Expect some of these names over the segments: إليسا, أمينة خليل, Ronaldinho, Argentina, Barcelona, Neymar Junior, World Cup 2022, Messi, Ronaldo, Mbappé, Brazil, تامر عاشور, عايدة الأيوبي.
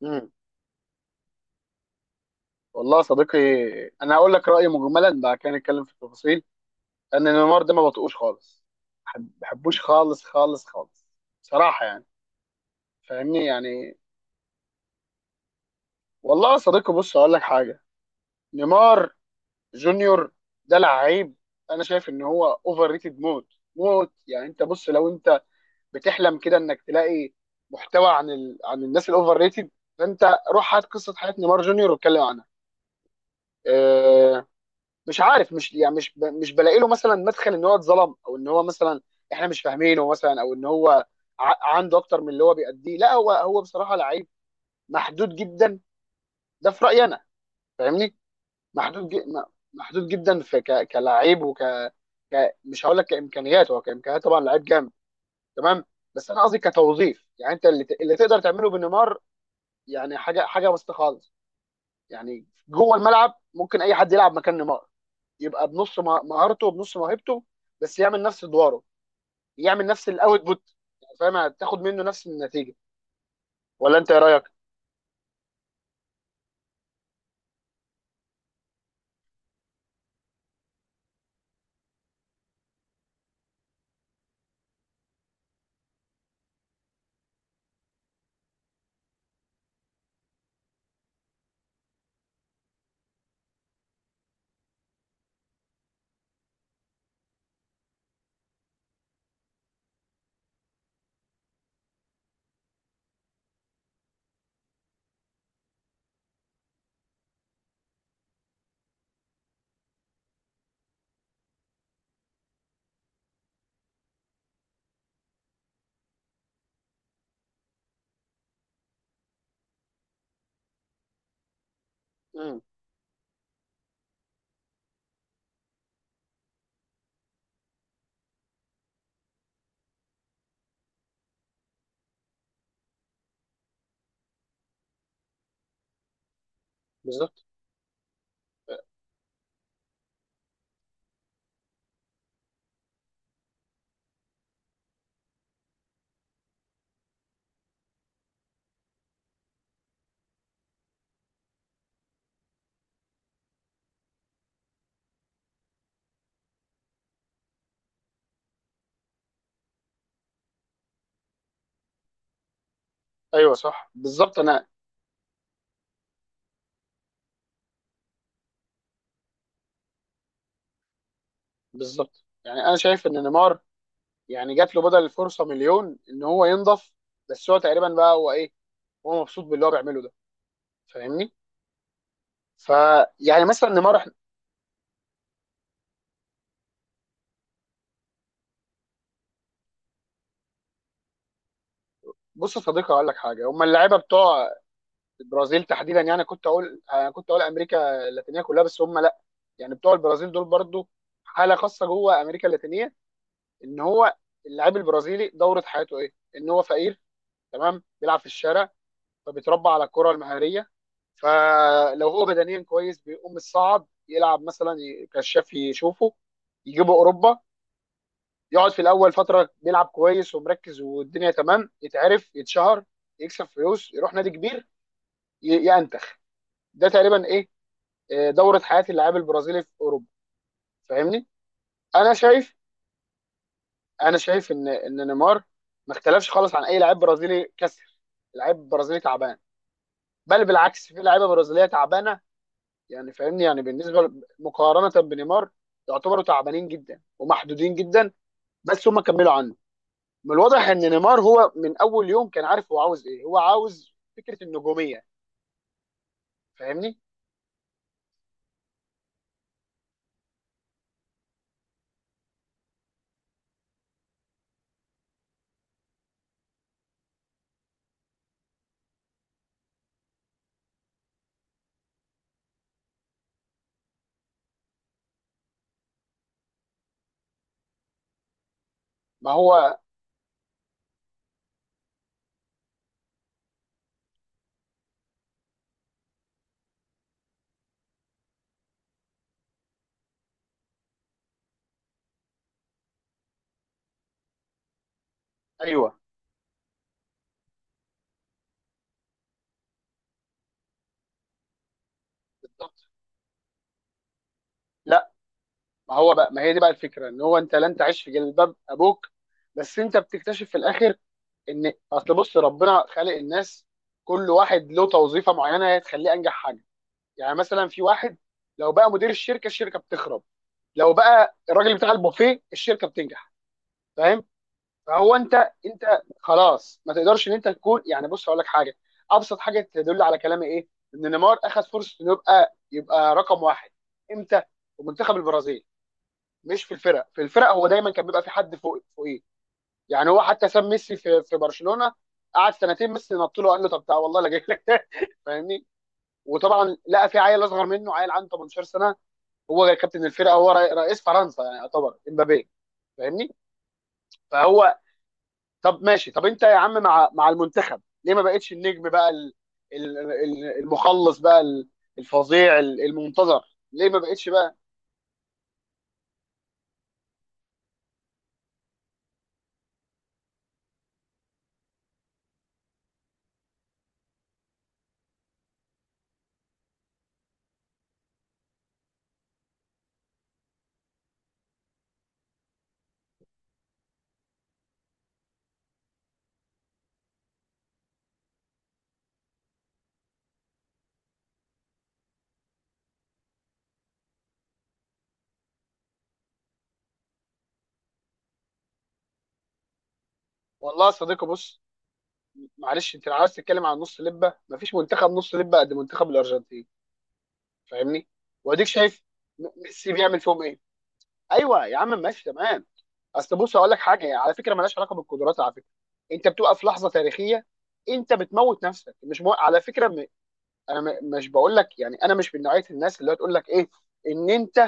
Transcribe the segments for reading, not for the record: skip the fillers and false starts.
مم. والله يا صديقي، انا هقول لك رايي مجملا بعد كده نتكلم في التفاصيل. لان نيمار ده ما بطقوش خالص، ما بحبوش خالص خالص خالص بصراحه، يعني فاهمني يعني. والله يا صديقي بص هقول لك حاجه. نيمار جونيور ده لعيب. انا شايف ان هو اوفر ريتد موت موت. يعني انت بص، لو انت بتحلم كده انك تلاقي محتوى عن الناس الاوفر ريتد، فانت روح هات قصه حياه نيمار جونيور واتكلم عنها. آه، مش عارف، مش يعني مش بلاقي له مثلا مدخل ان هو اتظلم، او ان هو مثلا احنا مش فاهمينه مثلا، او ان هو عنده اكتر من اللي هو بيأديه. لا، هو بصراحه لعيب محدود جدا، ده في رأيي انا فاهمني. محدود ج- م- محدود جدا كلاعب مش هقول لك كامكانيات، هو كامكانيات طبعا لعيب جامد تمام. بس انا قصدي كتوظيف، يعني انت اللي، اللي تقدر تعمله بنيمار يعني حاجه وسط خالص. يعني جوه الملعب ممكن اي حد يلعب مكان نيمار، يبقى بنص مهارته وبنص موهبته، بس يعمل نفس ادواره، يعمل نفس الاوتبوت. فاهم، هتاخد منه نفس النتيجه، ولا انت ايه رايك؟ امم. بالظبط. ايوه صح بالظبط. انا بالظبط، يعني انا شايف ان نيمار يعني جات له بدل الفرصه مليون ان هو ينضف، بس هو تقريبا بقى هو ايه، هو مبسوط باللي هو بيعمله ده فاهمني؟ فيعني مثلا نيمار بص يا صديقي هقول لك حاجه. هم اللعيبه بتوع البرازيل تحديدا، يعني كنت اقول انا كنت اقول امريكا اللاتينيه كلها، بس هم لا، يعني بتوع البرازيل دول برضو حاله خاصه جوه امريكا اللاتينيه. ان هو اللاعب البرازيلي دوره حياته ايه؟ ان هو فقير تمام، بيلعب في الشارع، فبيتربى على الكره المهاريه. فلو هو بدنيا كويس بيقوم الصعب يلعب مثلا، كشاف يشوفه، يجيبه اوروبا، يقعد في الاول فتره بيلعب كويس ومركز والدنيا تمام، يتعرف يتشهر، يكسب فلوس، يروح نادي كبير، ي- ينتخ ده تقريبا ايه، آه، دوره حياه اللاعب البرازيلي في اوروبا فاهمني. انا شايف انا شايف ان نيمار ما اختلفش خالص عن اي لاعب برازيلي كسر، لاعب برازيلي تعبان، بل بالعكس في لعيبه برازيليه تعبانه، يعني فاهمني، يعني بالنسبه مقارنه بنيمار يعتبروا تعبانين جدا ومحدودين جدا، بس هم كملوا عنه. من الواضح ان نيمار هو من اول يوم كان عارف هو عاوز ايه، هو عاوز فكره النجوميه فاهمني. ما هو ايوه بالظبط. ما هو بقى، ما هي دي بقى الفكره، ان هو انت لن تعيش في جلباب ابوك، بس انت بتكتشف في الاخر ان اصل بص ربنا خالق الناس، كل واحد له توظيفه معينه هي تخليه انجح حاجه. يعني مثلا في واحد لو بقى مدير الشركه، الشركه بتخرب، لو بقى الراجل بتاع البوفيه الشركه بتنجح فاهم. فهو انت، انت خلاص ما تقدرش ان انت تكون، يعني بص هقول لك حاجه، ابسط حاجه تدل على كلامي ايه؟ ان نيمار اخذ فرصه انه يبقى رقم واحد. امتى؟ في منتخب البرازيل. مش في الفرق، في الفرق هو دايما كان بيبقى في حد فوق فوقيه. يعني هو حتى ساب ميسي في برشلونه، قعد سنتين، ميسي نط له قال له طب تعالى والله لا جاي لك. فاهمني. وطبعا لقى في عيل اصغر منه، عيل عنده 18 سنه، هو كابتن الفرقه، هو رئيس فرنسا، يعني يعتبر امبابي فاهمني. فهو، طب ماشي، طب انت يا عم مع المنتخب ليه ما بقتش النجم بقى المخلص بقى الفظيع المنتظر، ليه ما بقتش بقى؟ والله يا صديقي بص، معلش انت لو عايز تتكلم عن نص لبه مفيش منتخب نص لبه قد منتخب الارجنتين فاهمني. واديك شايف ميسي بيعمل فيهم ايه. ايوه يا عم ماشي تمام. اصل بص اقول لك حاجه، يعني على فكره مالهاش علاقه بالقدرات على فكره، انت بتبقى في لحظه تاريخيه، انت بتموت نفسك مش مو... على فكره مش بقول لك، يعني انا مش من نوعيه الناس اللي هتقول لك ايه، ان انت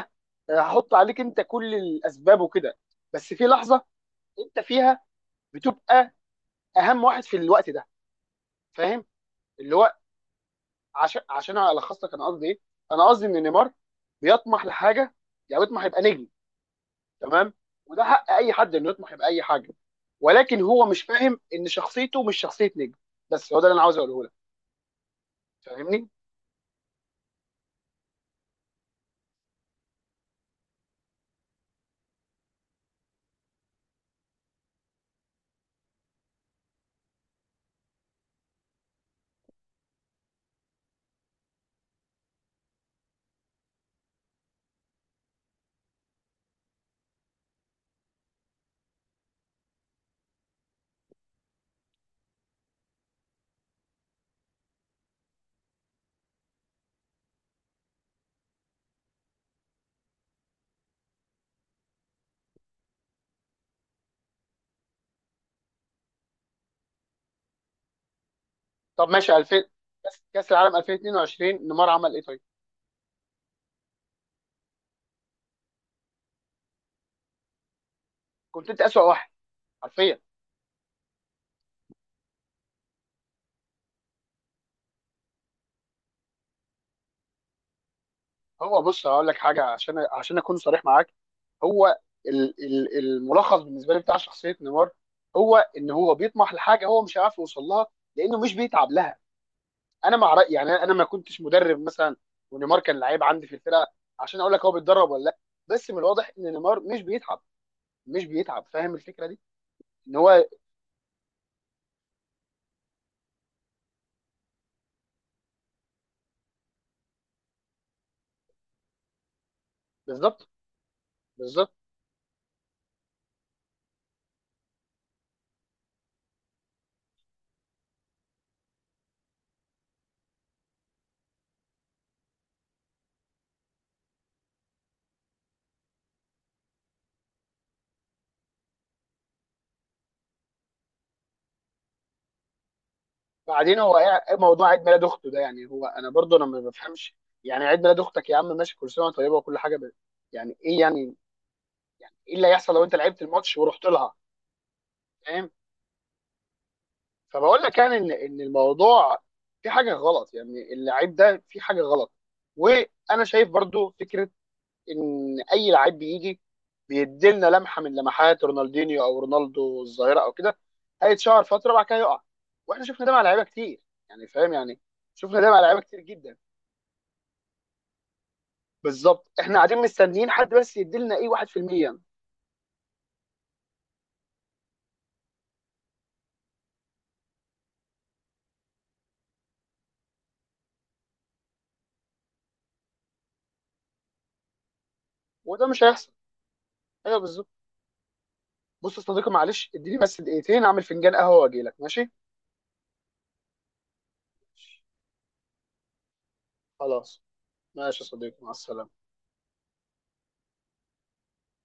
آه، هحط عليك انت كل الاسباب وكده، بس في لحظه انت فيها بتبقى اهم واحد في الوقت ده فاهم اللي هو. عشان الخص لك انا قصدي ايه، انا قصدي ان نيمار بيطمح لحاجه، يعني بيطمح يبقى نجم تمام، وده حق اي حد انه يطمح يبقى اي حاجه، ولكن هو مش فاهم ان شخصيته مش شخصيه نجم، بس هو ده اللي انا عاوز اقوله لك فاهمني. طب ماشي، 2000 كاس كأس العالم 2022 نيمار عمل ايه طيب. كنت انت اسوأ واحد حرفيا. هو بص هقول لك حاجه، عشان اكون صريح معاك. هو الملخص بالنسبه لي بتاع شخصيه نيمار هو ان هو بيطمح لحاجه هو مش عارف يوصل لها لانه مش بيتعب لها. انا مع رأي، يعني انا ما كنتش مدرب مثلا ونيمار كان لعيب عندي في الفرقه عشان اقول لك هو بيتدرب ولا لا، بس من الواضح ان نيمار مش بيتعب، مش بيتعب. فاهم الفكره دي. ان هو بالظبط. بالظبط. بعدين هو إيه موضوع عيد ميلاد اخته ده؟ يعني هو انا برضه انا ما بفهمش، يعني عيد ميلاد اختك يا عم ماشي، كل سنه وأنت طيبه وكل حاجه، بس يعني ايه يعني؟ يعني ايه اللي هيحصل لو انت لعبت الماتش ورحت لها؟ فاهم. فبقول لك يعني ان ان الموضوع في حاجه غلط، يعني اللعيب ده في حاجه غلط. وانا شايف برضو فكره ان اي لعيب بيجي بيديلنا لمحه من لمحات رونالدينيو او رونالدو الظاهره او كده، هيتشهر فتره وبعد كده يقع، واحنا شفنا ده مع لعيبه كتير يعني فاهم يعني، شفنا ده مع لعيبه كتير جدا. بالظبط، احنا قاعدين مستنيين حد بس يديلنا ايه، 1%. وده مش هيحصل. ايوه بالظبط. بص يا صديقي معلش اديني بس دقيقتين اعمل فنجان قهوه واجي لك ماشي. خلاص. ماشي يا صديقي، مع السلامه.